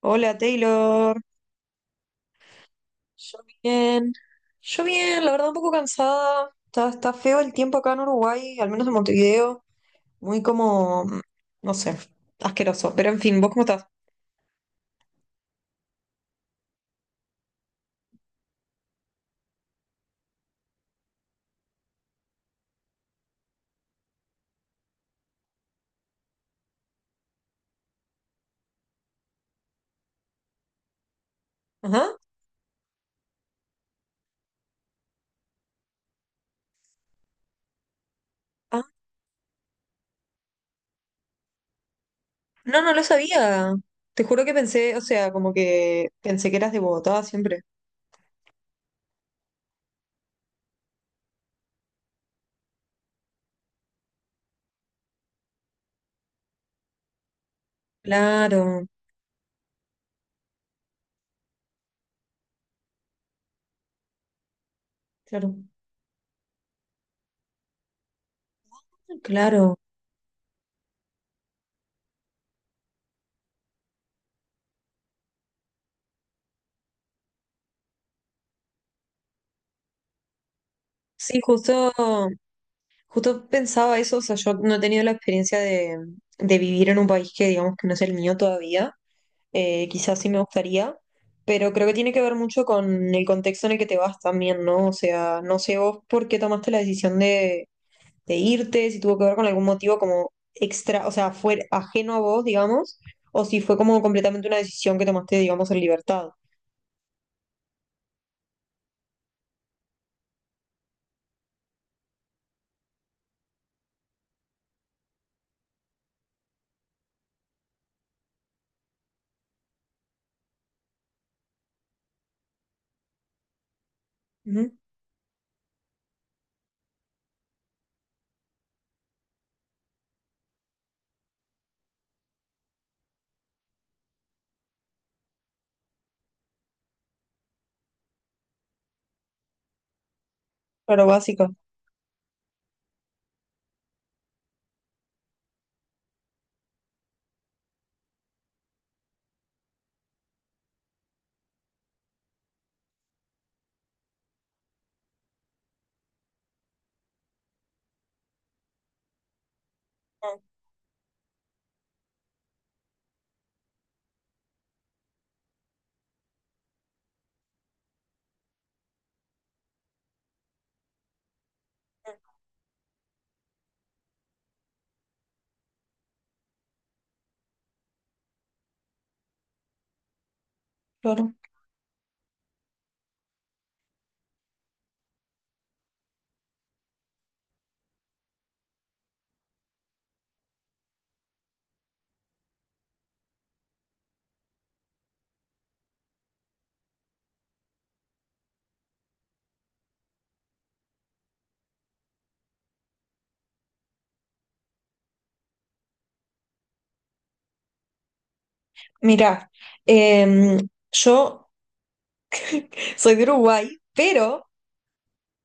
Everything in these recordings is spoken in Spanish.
Hola Taylor, yo bien, yo bien, la verdad un poco cansada, está feo el tiempo acá en Uruguay, al menos en Montevideo, muy como, no sé, asqueroso, pero en fin, ¿vos cómo estás? Ajá. Ah, no, no lo sabía, te juro que pensé, o sea, como que pensé que eras de Bogotá siempre. Claro, claro, claro. Sí, justo, justo pensaba eso, o sea, yo no he tenido la experiencia de vivir en un país que digamos que no es el mío todavía. Quizás sí me gustaría, pero creo que tiene que ver mucho con el contexto en el que te vas también, ¿no? O sea, no sé vos por qué tomaste la decisión de irte, si tuvo que ver con algún motivo como extra, o sea, fue ajeno a vos, digamos, o si fue como completamente una decisión que tomaste, digamos, en libertad. Ujú. Claro, básica. Ah, ah, claro. Mirá, em, yo soy de Uruguay, pero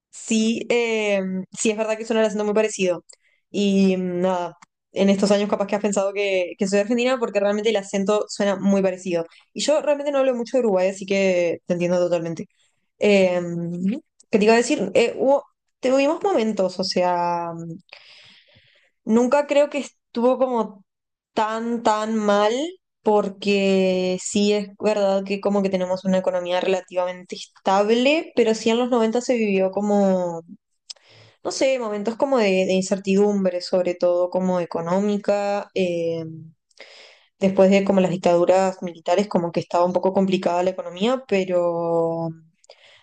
sí, sí es verdad que suena el acento muy parecido. Y nada, en estos años capaz que has pensado que soy argentina porque realmente el acento suena muy parecido. Y yo realmente no hablo mucho de Uruguay, así que te entiendo totalmente. Eh, ¿Qué te iba a decir? Tuvimos momentos, o sea, nunca creo que estuvo como tan, tan mal, porque sí es verdad que como que tenemos una economía relativamente estable, pero sí en los 90 se vivió como no sé, momentos como de incertidumbre, sobre todo como económica. Después de como las dictaduras militares, como que estaba un poco complicada la economía,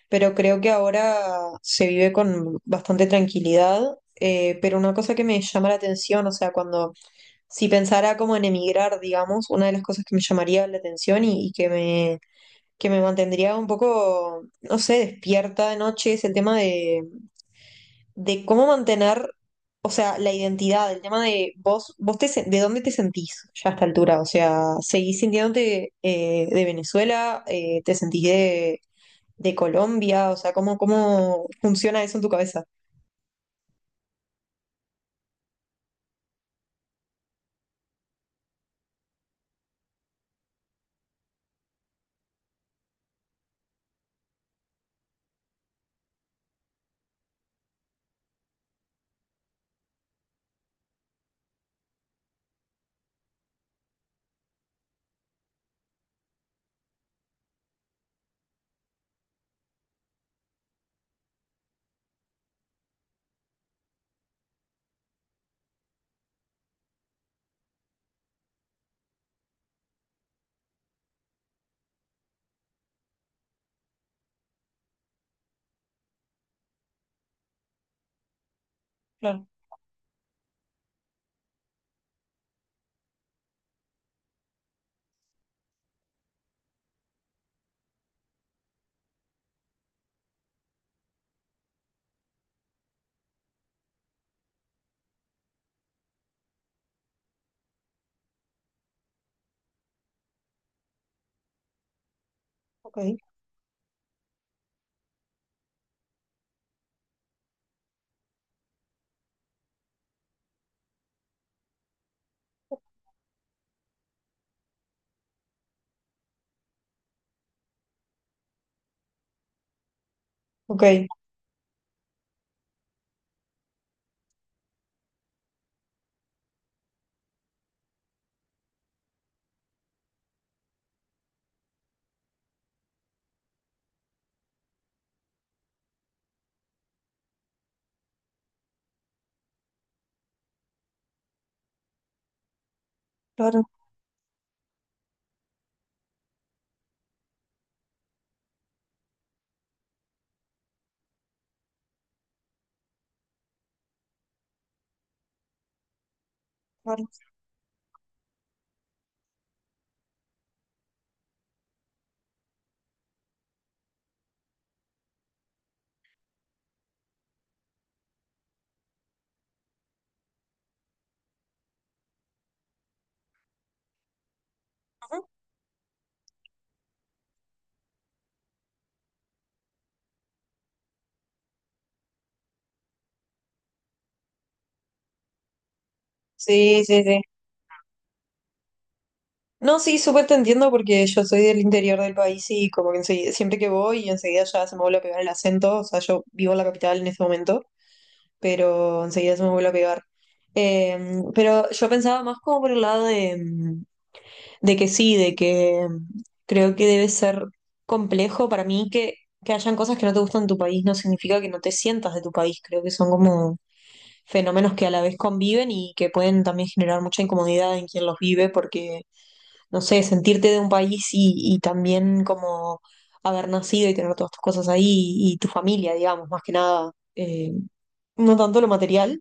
pero creo que ahora se vive con bastante tranquilidad. Pero una cosa que me llama la atención, o sea, cuando si pensara como en emigrar, digamos, una de las cosas que me llamaría la atención y que que me mantendría un poco, no sé, despierta de noche es el tema de cómo mantener, o sea, la identidad, el tema de vos, sen- de dónde te sentís ya a esta altura, o sea, ¿seguís sintiéndote de Venezuela? ¿Te sentís de Colombia? O sea, ¿cómo, cómo funciona eso en tu cabeza? Claro. Ok, ok, claro, claro. Sí, sí, sí. No, sí, súper te entiendo porque yo soy del interior del país y como que enseguida- siempre que voy, enseguida ya se me vuelve a pegar el acento, o sea, yo vivo en la capital en este momento. Pero enseguida se me vuelve a pegar. Eh, pero yo pensaba más como por el lado de, de que sí, de que creo que debe ser complejo para mí que hayan cosas que no te gustan en tu país, no significa que no te sientas de tu país, creo que son como fenómenos que a la vez conviven y que pueden también generar mucha incomodidad en quien los vive, porque, no sé, sentirte de un país y también como haber nacido y tener todas tus cosas ahí y, tu familia, digamos, más que nada, no tanto lo material,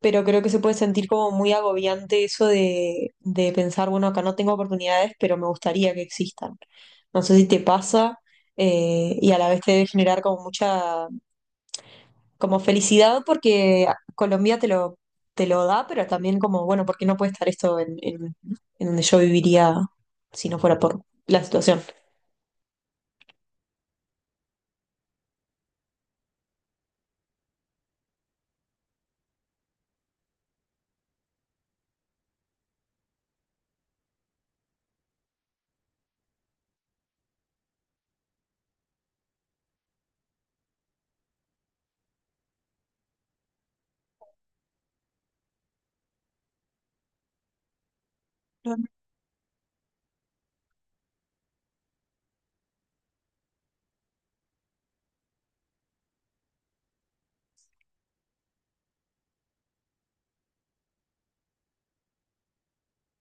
pero creo que se puede sentir como muy agobiante eso de pensar, bueno, acá no tengo oportunidades, pero me gustaría que existan. No sé si te pasa, y a la vez te debe generar como mucha, como felicidad porque Colombia te lo da, pero también como, bueno, ¿por qué no puede estar esto en donde yo viviría si no fuera por la situación? Claro.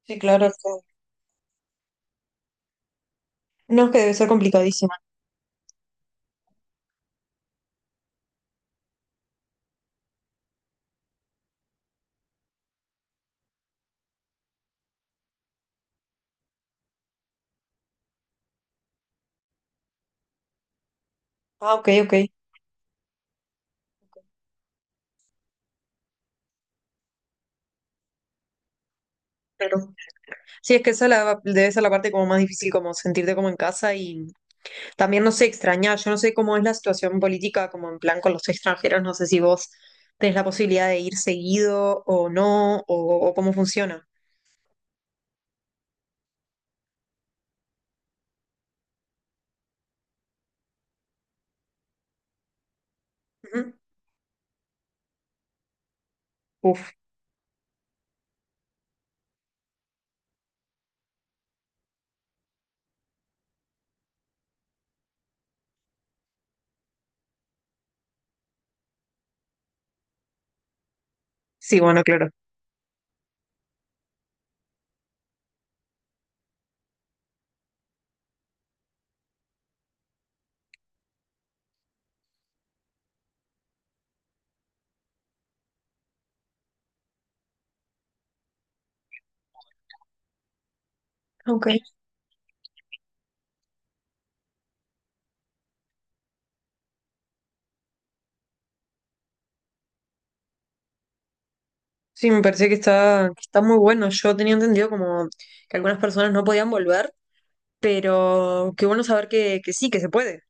Sí, claro, sí. No, es que debe ser complicadísima. Ah, ok, ok. Claro. Sí, es que esa la- debe ser la parte como más difícil, como sentirte como en casa. Y también no sé extrañar, yo no sé cómo es la situación política, como en plan con los extranjeros, no sé si vos tenés la posibilidad de ir seguido o no, o cómo funciona. Ujú. Uf, sí, bueno, claro. Ok. Sí, me parece que está muy bueno. Yo tenía entendido como que algunas personas no podían volver, pero qué bueno saber que sí, que se puede.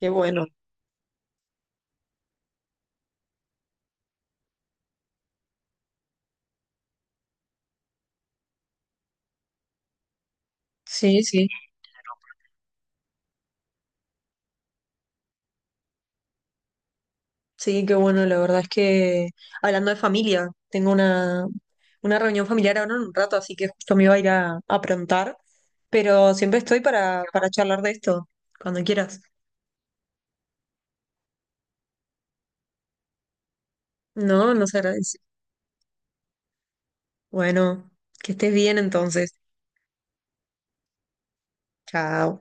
Qué bueno. Sí, sí. Sí, qué bueno, la verdad es que hablando de familia, tengo una reunión familiar ahora en un rato, así que justo me iba a ir a aprontar, pero siempre estoy para charlar de esto, cuando quieras. No, no se agradece. Bueno, que estés bien entonces. Chao.